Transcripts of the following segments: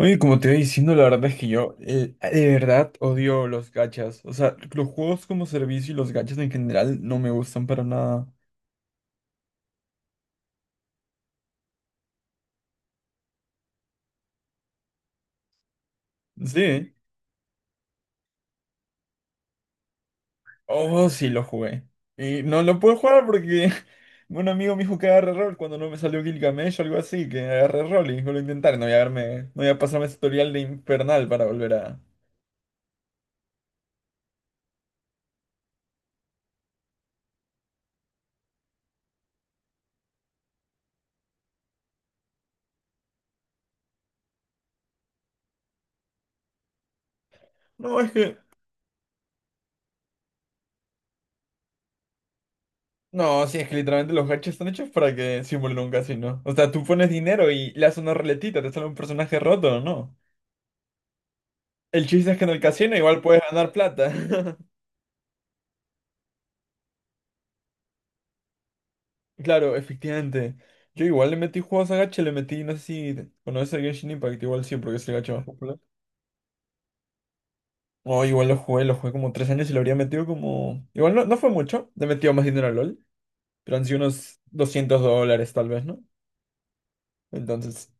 Oye, como te iba diciendo, la verdad es que yo de verdad odio los gachas. O sea, los juegos como servicio y los gachas en general no me gustan para nada. Sí. Oh, sí, lo jugué. Y no lo puedo jugar porque un amigo me dijo que agarre rol cuando no me salió Gilgamesh o algo así, que agarre rol y lo intentaré. No voy a verme, no voy a pasarme ese tutorial de infernal para volver a... No, es que... No, sí, es que literalmente los gachas están hechos para que simulen un casino. O sea, tú pones dinero y le haces una ruletita, te sale un personaje roto, ¿no? El chiste es que en el casino igual puedes ganar plata. Claro, efectivamente. Yo igual le metí juegos a gacha, le metí, no sé si conoces el Genshin Impact, igual sí, porque es el gacha más popular. Oh, igual lo jugué como 3 años y lo habría metido como... Igual no, no fue mucho, le he metido más dinero a LOL, pero han sido unos $200 tal vez, ¿no? Entonces,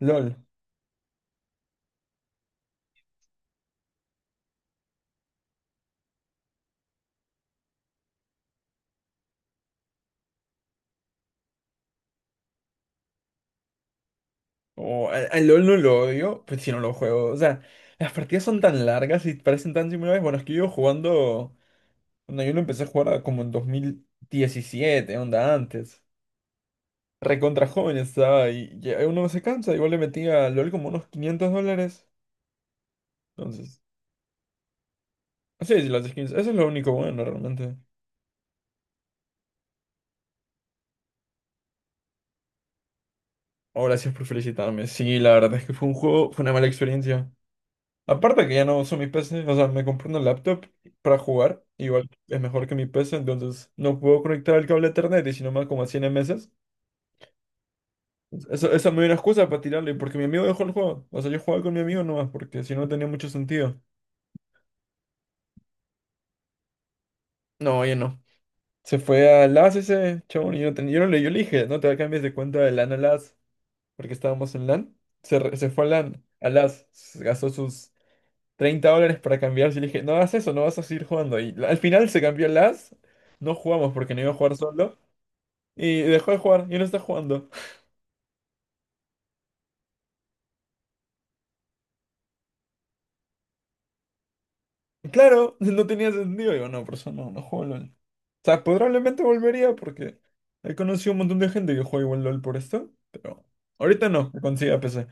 LOL. Oh, al LOL no lo odio, pues si no lo juego. O sea, las partidas son tan largas y parecen tan similares. Bueno, es que yo jugando... Cuando yo lo empecé a jugar como en 2017, onda antes. Recontra joven estaba y ya uno no se cansa. Igual le metí a LOL como unos $500. Entonces, así sí, las skins. Eso es lo único bueno realmente. Oh, gracias por felicitarme. Sí, la verdad es que fue un juego, fue una mala experiencia. Aparte que ya no uso mi PC, o sea, me compré una laptop para jugar. Igual es mejor que mi PC, entonces no puedo conectar el cable a Ethernet y si no me da como a 100 meses. Eso, esa me dio una excusa para tirarle, porque mi amigo dejó el juego. O sea, yo jugaba con mi amigo nomás, porque si no tenía mucho sentido. No, oye, no. Se fue a LAS ese chabón y yo, no ten- yo no le, yo le dije, no te cambies de cuenta de LAN a LAS, porque estábamos en LAN. Se fue a LAN, a LAS, se gastó sus $30 para cambiarse y le dije, no hagas eso, no vas a seguir jugando. Y la- al final se cambió a LAS, no jugamos porque no iba a jugar solo y dejó de jugar y no está jugando. Claro, no tenía sentido. Digo, no, por eso no, no juego LOL. O sea, probablemente volvería porque he conocido un montón de gente que juega igual LOL por esto, pero ahorita no, que consiga PC.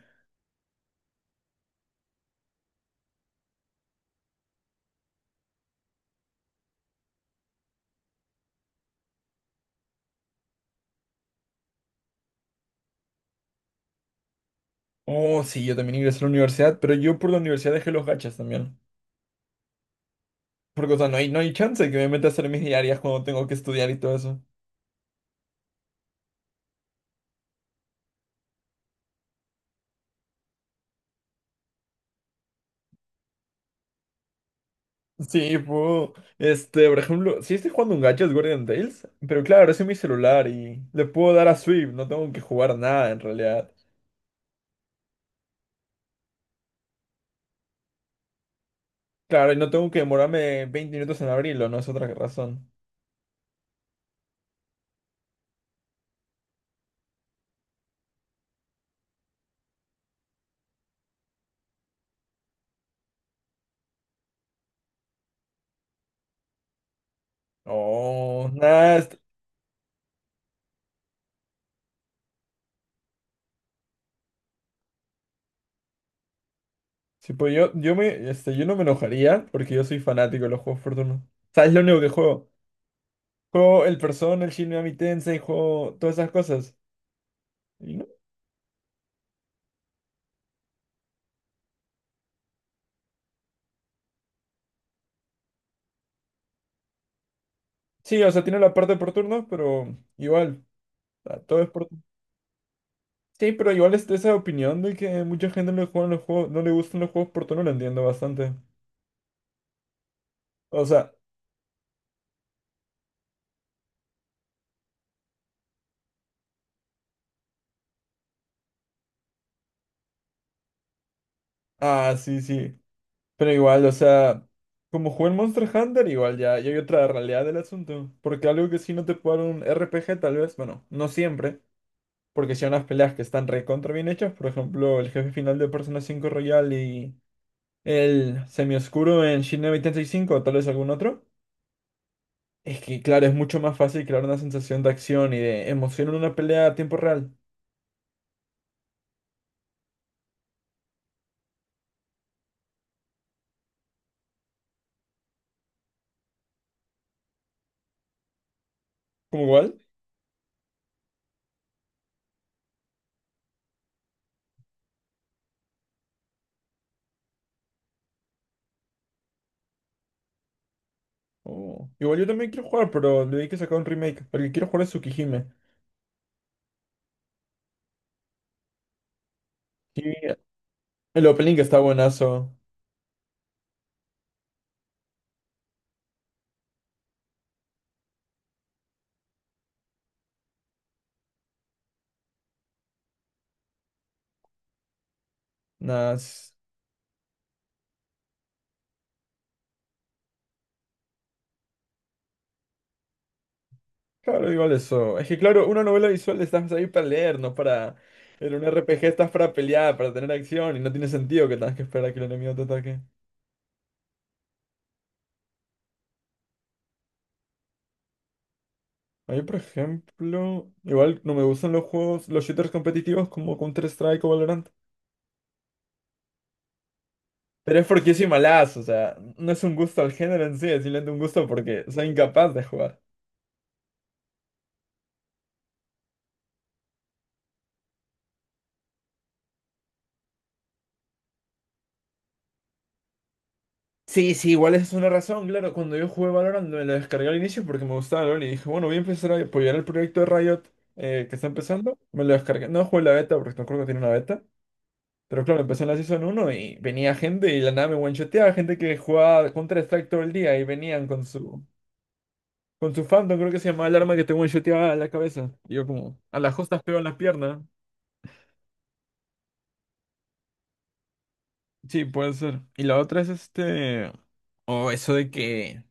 Oh, sí, yo también ingresé a la universidad, pero yo por la universidad dejé los gachas también. Porque, o sea, no hay chance de que me meta a hacer mis diarias cuando tengo que estudiar y todo eso. Sí, puedo. Este, por ejemplo, si estoy jugando un gacha es Guardian Tales, pero claro, es en mi celular y le puedo dar a Swift, no tengo que jugar nada en realidad. Claro, y no tengo que demorarme 20 minutos en abrirlo, no es otra razón. Oh, nada, sí, pues yo no me enojaría porque yo soy fanático de los juegos por turno. ¿Sabes lo único que juego? Juego el Persona, el Shin Megami Tensei, juego todas esas cosas. Y no. Sí, o sea, tiene la parte por turnos, pero igual. O sea, todo es por turnos. Sí, pero igual está esa opinión de que mucha gente no le juegan los juegos, no le gustan los juegos por turno, lo entiendo bastante. O sea, ah, sí, sí. Pero igual, o sea, como jugué el Monster Hunter, igual ya, ya hay otra realidad del asunto. Porque algo que sí no te puede dar un RPG, tal vez, bueno, no siempre. Porque si hay unas peleas que están recontra bien hechas, por ejemplo, el jefe final de Persona 5 Royal y. El semioscuro en Shin 85 o tal vez algún otro. Es que, claro, es mucho más fácil crear una sensación de acción y de emoción en una pelea a tiempo real. ¿Como igual? Oh, igual yo también quiero jugar, pero le di que sacar un remake. El que quiero jugar es Tsukihime. Y el opening está buenazo. Nas. Claro, igual eso. Es que, claro, una novela visual estás ahí para leer, no para. En un RPG estás para pelear, para tener acción, y no tiene sentido que tengas que esperar a que el enemigo te ataque. A mí, por ejemplo, igual no me gustan los juegos, los shooters competitivos como Counter-Strike o Valorant. Pero es porque yo soy malazo, o sea, no es un gusto al género en sí, es simplemente un gusto porque soy incapaz de jugar. Sí, sí, igual esa es una razón, claro. Cuando yo jugué Valorant me lo descargué al inicio porque me gustaba LoL y dije, bueno, voy a empezar a apoyar el proyecto de Riot que está empezando. Me lo descargué. No jugué la beta porque no creo que tiene una beta. Pero claro, empecé en la Season 1 y venía gente y de la nada me one gente que jugaba Counter-Strike todo el día y venían con su. Con su fandom, creo que se llamaba el arma que te shoteaba a la cabeza. Y yo como, a las justas pego en la pierna. Sí, puede ser. Y la otra es este... O eso de que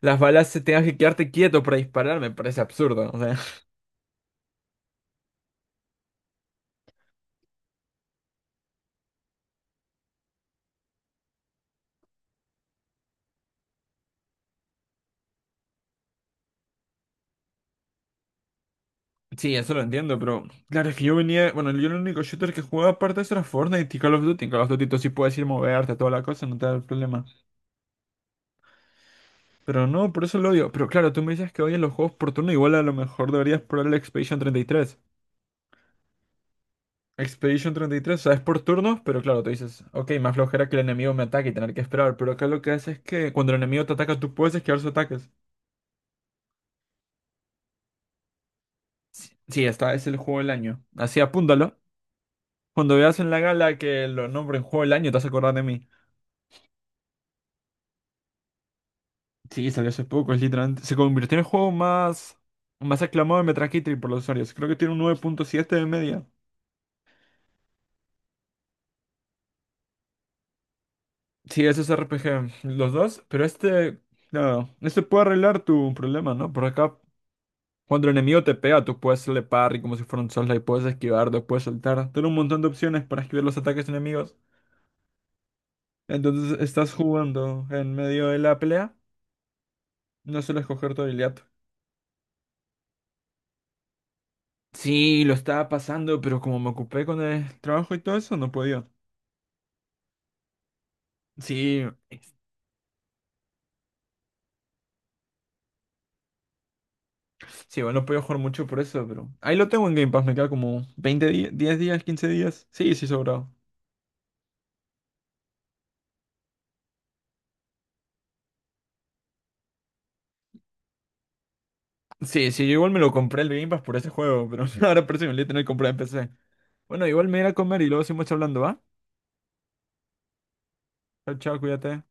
las balas se tengas que quedarte quieto para disparar, me parece absurdo. O sea, sí, eso lo entiendo, pero... Claro, es que yo venía... Bueno, yo el único shooter que jugaba aparte de eso era Fortnite y Call of Duty. En Call of Duty tú sí puedes ir moverte, toda la cosa, no te da problema. Pero no, por eso lo odio. Pero claro, tú me dices que odias los juegos por turno, igual a lo mejor deberías probar el Expedition 33. Expedition 33, sabes por turnos, pero claro, tú dices, ok, más flojera que el enemigo me ataque y tener que esperar. Pero acá lo que hace es que cuando el enemigo te ataca, tú puedes esquivar sus ataques. Sí, sí, esta es el juego del año. Así apúntalo. Cuando veas en la gala que lo nombren juego del año, te vas a acordar de mí. Sí, salió hace poco, es literalmente. Se convirtió en el juego más aclamado de Metacritic por los usuarios. Creo que tiene un 9,7 de media. Sí, ese es RPG, los dos, pero este. Claro, este puede arreglar tu problema, ¿no? Por acá. Cuando el enemigo te pega, tú puedes hacerle parry como si fuera un Soulslike, puedes esquivar, después saltar. Tienes un montón de opciones para esquivar los ataques enemigos. Entonces estás jugando en medio de la pelea, no suelo escoger tu habilidad. Sí, lo estaba pasando, pero como me ocupé con el trabajo y todo eso, no podía. Sí, sí, bueno, no podía jugar mucho por eso, pero ahí lo tengo en Game Pass, me queda como 20 días, 10 días, 15 días. Sí, sí, sobrado. Sí, sí, yo igual me lo compré el Game Pass por ese juego, pero ahora parece que me lo voy a tener que comprar en PC. Bueno, igual me iré a comer y luego seguimos hablando, ¿va? Chao, chao, cuídate.